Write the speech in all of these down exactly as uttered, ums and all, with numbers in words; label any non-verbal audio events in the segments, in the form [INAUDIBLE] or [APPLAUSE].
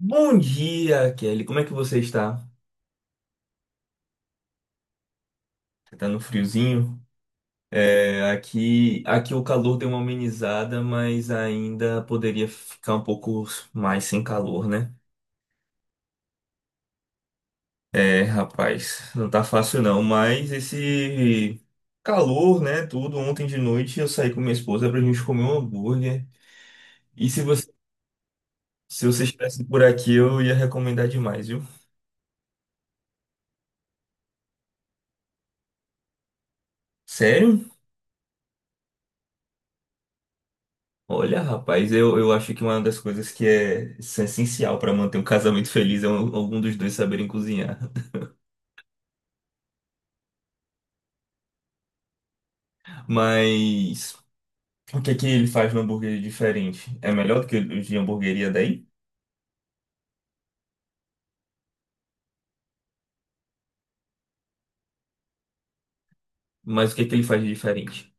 Bom dia, Kelly. Como é que você está? Você tá no friozinho? É, aqui, aqui o calor deu uma amenizada, mas ainda poderia ficar um pouco mais sem calor, né? É, rapaz, não tá fácil não, mas esse calor, né, tudo, ontem de noite eu saí com minha esposa pra gente comer um hambúrguer. E se você, Se você estivesse por aqui, eu ia recomendar demais, viu? Sério? Olha, rapaz, eu, eu acho que uma das coisas que é essencial para manter um casamento feliz é um- algum dos dois saberem cozinhar. Mas o que é que ele faz no hambúrguer de diferente? É melhor do que os de hamburgueria daí? Mas o que é que ele faz de diferente?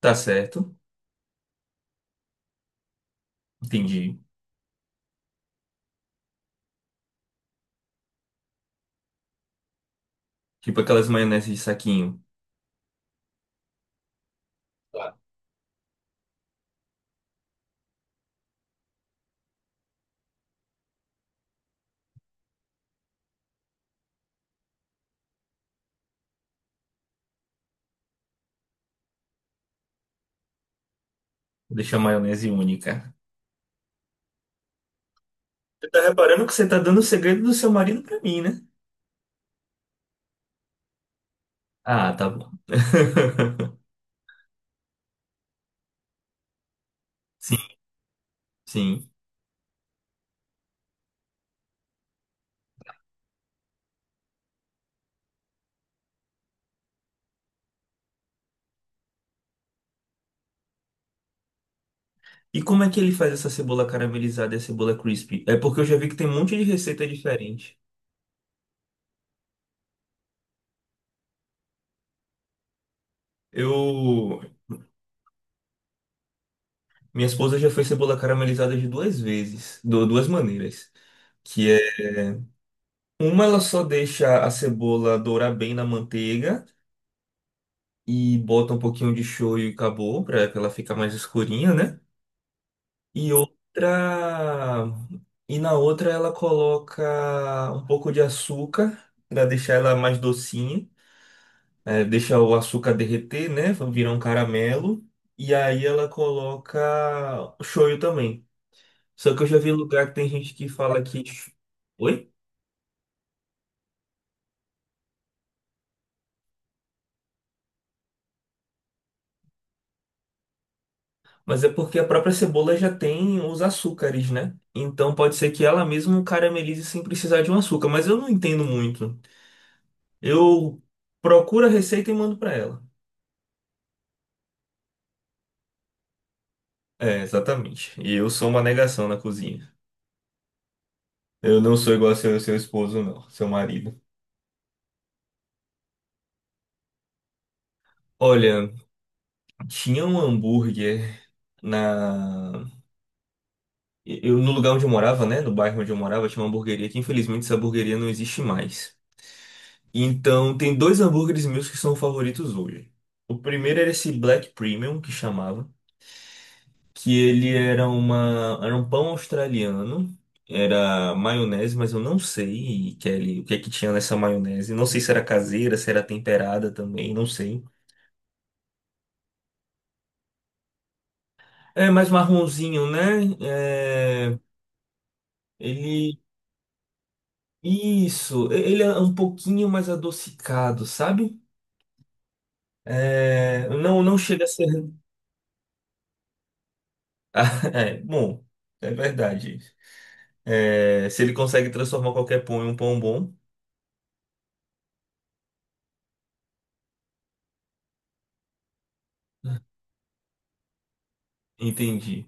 Tá certo, entendi. Tipo aquelas maioneses de saquinho. Claro. Deixa a maionese única. Você tá reparando que você tá dando o segredo do seu marido pra mim, né? Ah, tá bom. [LAUGHS] Sim, sim. E como é que ele faz essa cebola caramelizada e a cebola crispy? É porque eu já vi que tem um monte de receita diferente. Eu, minha esposa já fez cebola caramelizada de duas vezes, de duas maneiras, que é uma ela só deixa a cebola dourar bem na manteiga e bota um pouquinho de shoyu e acabou, para ela ficar mais escurinha, né? E outra e na outra ela coloca um pouco de açúcar para deixar ela mais docinha. É, deixa o açúcar derreter, né? Virar um caramelo. E aí ela coloca shoyu também. Só que eu já vi lugar que tem gente que fala que. Oi? Mas é porque a própria cebola já tem os açúcares, né? Então pode ser que ela mesma caramelize sem precisar de um açúcar. Mas eu não entendo muito. Eu procuro a receita e mando pra ela. É, exatamente. E eu sou uma negação na cozinha. Eu não sou igual ao seu, seu esposo, não, seu marido. Olha. Tinha um hambúrguer na. Eu, no lugar onde eu morava, né? No bairro onde eu morava, tinha uma hamburgueria que infelizmente essa hamburgueria não existe mais. Então tem dois hambúrgueres meus que são favoritos hoje. O primeiro era esse Black Premium, que chamava, que ele era uma, era um pão australiano, era maionese, mas eu não sei, Kelly, o que é que tinha nessa maionese. Não sei se era caseira, se era temperada também, não sei. É mais marronzinho, né? É, ele Isso, e- ele é um pouquinho mais adocicado, sabe? É, não, não chega a ser. [LAUGHS] Ah, é, bom, é verdade. É, se ele consegue transformar qualquer pão em um pão bom, entendi.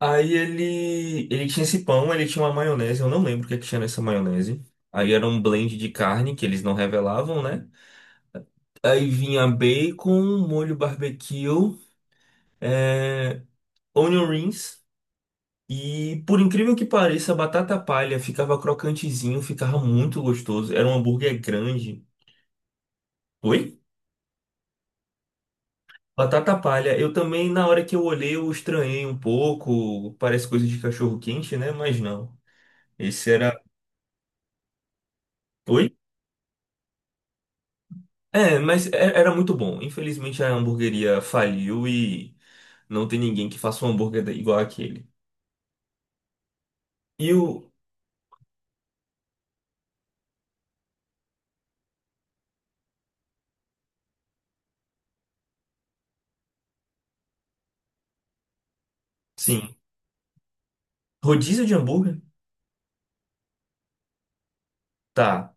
Aí ele, ele tinha esse pão, ele tinha uma maionese, eu não lembro o que é que tinha nessa maionese. Aí era um blend de carne que eles não revelavam, né? Aí vinha bacon, molho barbecue, é, onion rings. E por incrível que pareça, a batata palha ficava crocantezinho, ficava muito gostoso. Era um hambúrguer grande. Oi? Batata palha. Eu também, na hora que eu olhei, eu estranhei um pouco. Parece coisa de cachorro quente, né? Mas não. Esse era. Oi? É, mas é- era muito bom. Infelizmente a hamburgueria faliu e não tem ninguém que faça um hambúrguer da- igual aquele. E o. Sim. Rodízio de hambúrguer? Tá.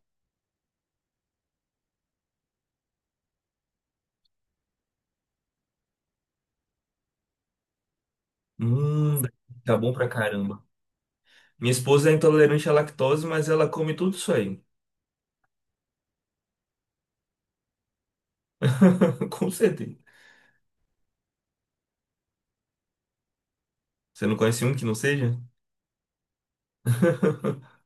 Hum, tá bom pra caramba. Minha esposa é intolerante à lactose, mas ela come tudo isso aí. [LAUGHS] Com certeza. Você não conhece um que não seja? [LAUGHS]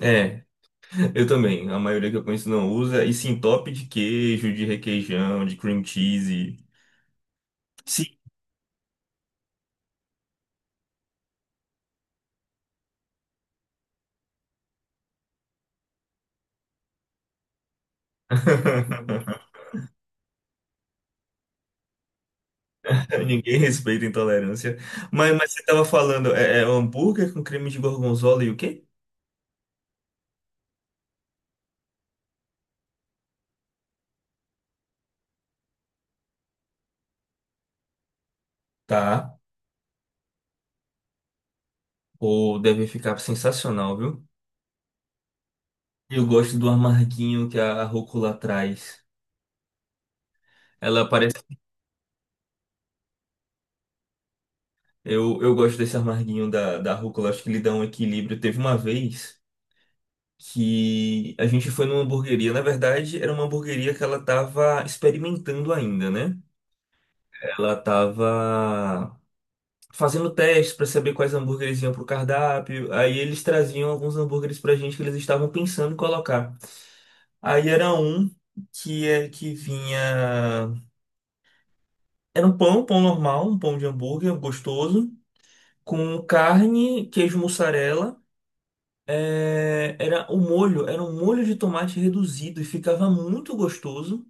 É, eu também. A maioria que eu conheço não usa. E sim, top de queijo, de requeijão, de cream cheese. Sim. [LAUGHS] Ninguém respeita a intolerância. Mas, mas você estava falando, é, é hambúrguer com creme de gorgonzola e o quê? Tá. Ou deve ficar sensacional, viu? Eu gosto do amarguinho que a rúcula traz. Ela parece Eu, eu gosto desse amarguinho da, da rúcula, acho que ele dá um equilíbrio. Teve uma vez que a gente foi numa hamburgueria. Na verdade, era uma hamburgueria que ela estava experimentando ainda, né? Ela estava fazendo testes para saber quais hambúrgueres iam pro cardápio. Aí eles traziam alguns hambúrgueres pra gente que eles estavam pensando em colocar. Aí era um que é que vinha. Era um pão, um pão normal, um pão de hambúrguer gostoso, com carne, queijo mussarela. É, era o molho, era um molho de tomate reduzido e ficava muito gostoso.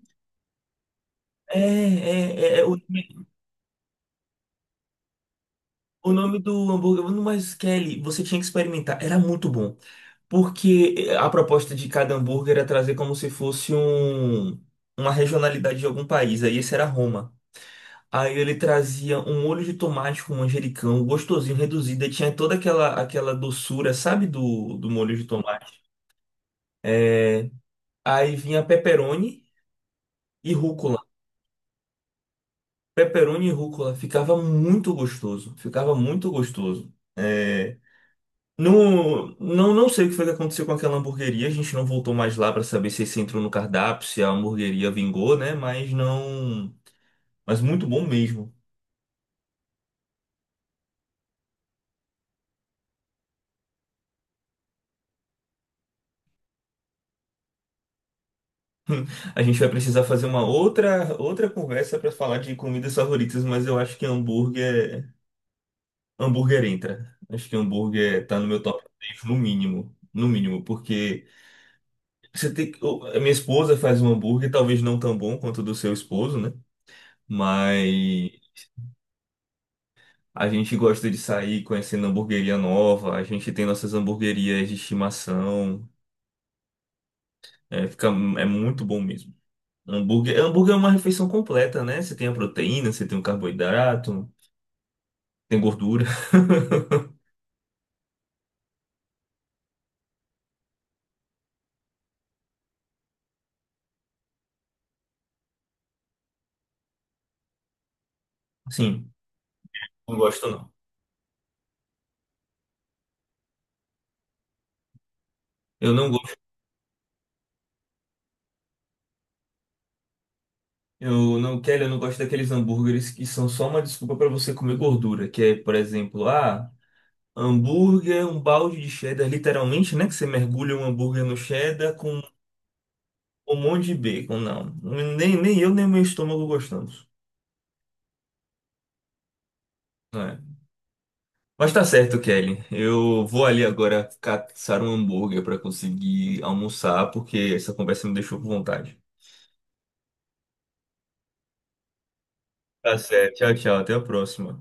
É, é, é, é, o, o nome do hambúrguer, mas Kelly, você tinha que experimentar, era muito bom. Porque eh, a proposta de cada hambúrguer era trazer como se fosse um, uma regionalidade de algum país, aí esse era Roma. Aí ele trazia um molho de tomate com manjericão, gostosinho, reduzido, e tinha toda aquela, aquela doçura, sabe, do, do molho de tomate. É, aí vinha pepperoni e rúcula. Pepperoni e rúcula ficava muito gostoso. Ficava muito gostoso. É, não, não, não sei o que foi que aconteceu com aquela hamburgueria. A gente não voltou mais lá para saber se esse entrou no cardápio, se a hamburgueria vingou, né? Mas não. Mas muito bom mesmo. A gente vai precisar fazer uma outra outra conversa para falar de comidas favoritas, mas eu acho que hambúrguer hambúrguer entra. Acho que hambúrguer tá no meu top três, no mínimo, no mínimo, porque Você tem que. eu- A minha esposa faz um hambúrguer, talvez não tão bom quanto o do seu esposo, né? Mas a gente gosta de sair conhecendo hambúrgueria nova, a gente tem nossas hambúrguerias de estimação. É, fica, é muito bom mesmo. Hambúrguer, hambúrguer é uma refeição completa, né? Você tem a proteína, você tem o carboidrato, tem gordura. [LAUGHS] Sim, não gosto não. Eu não gosto. Eu não quero, eu não gosto daqueles hambúrgueres que são só uma desculpa para você comer gordura, que é, por exemplo, ah. Hambúrguer, um balde de cheddar, literalmente, né? Que você mergulha um hambúrguer no cheddar com um monte de bacon. Não, nem, nem eu, nem meu estômago gostamos. Né? Mas tá certo, Kelly. Eu vou ali agora caçar um hambúrguer para conseguir almoçar, porque essa conversa me deixou com vontade. Tá certo. Tchau, tchau. Até a próxima.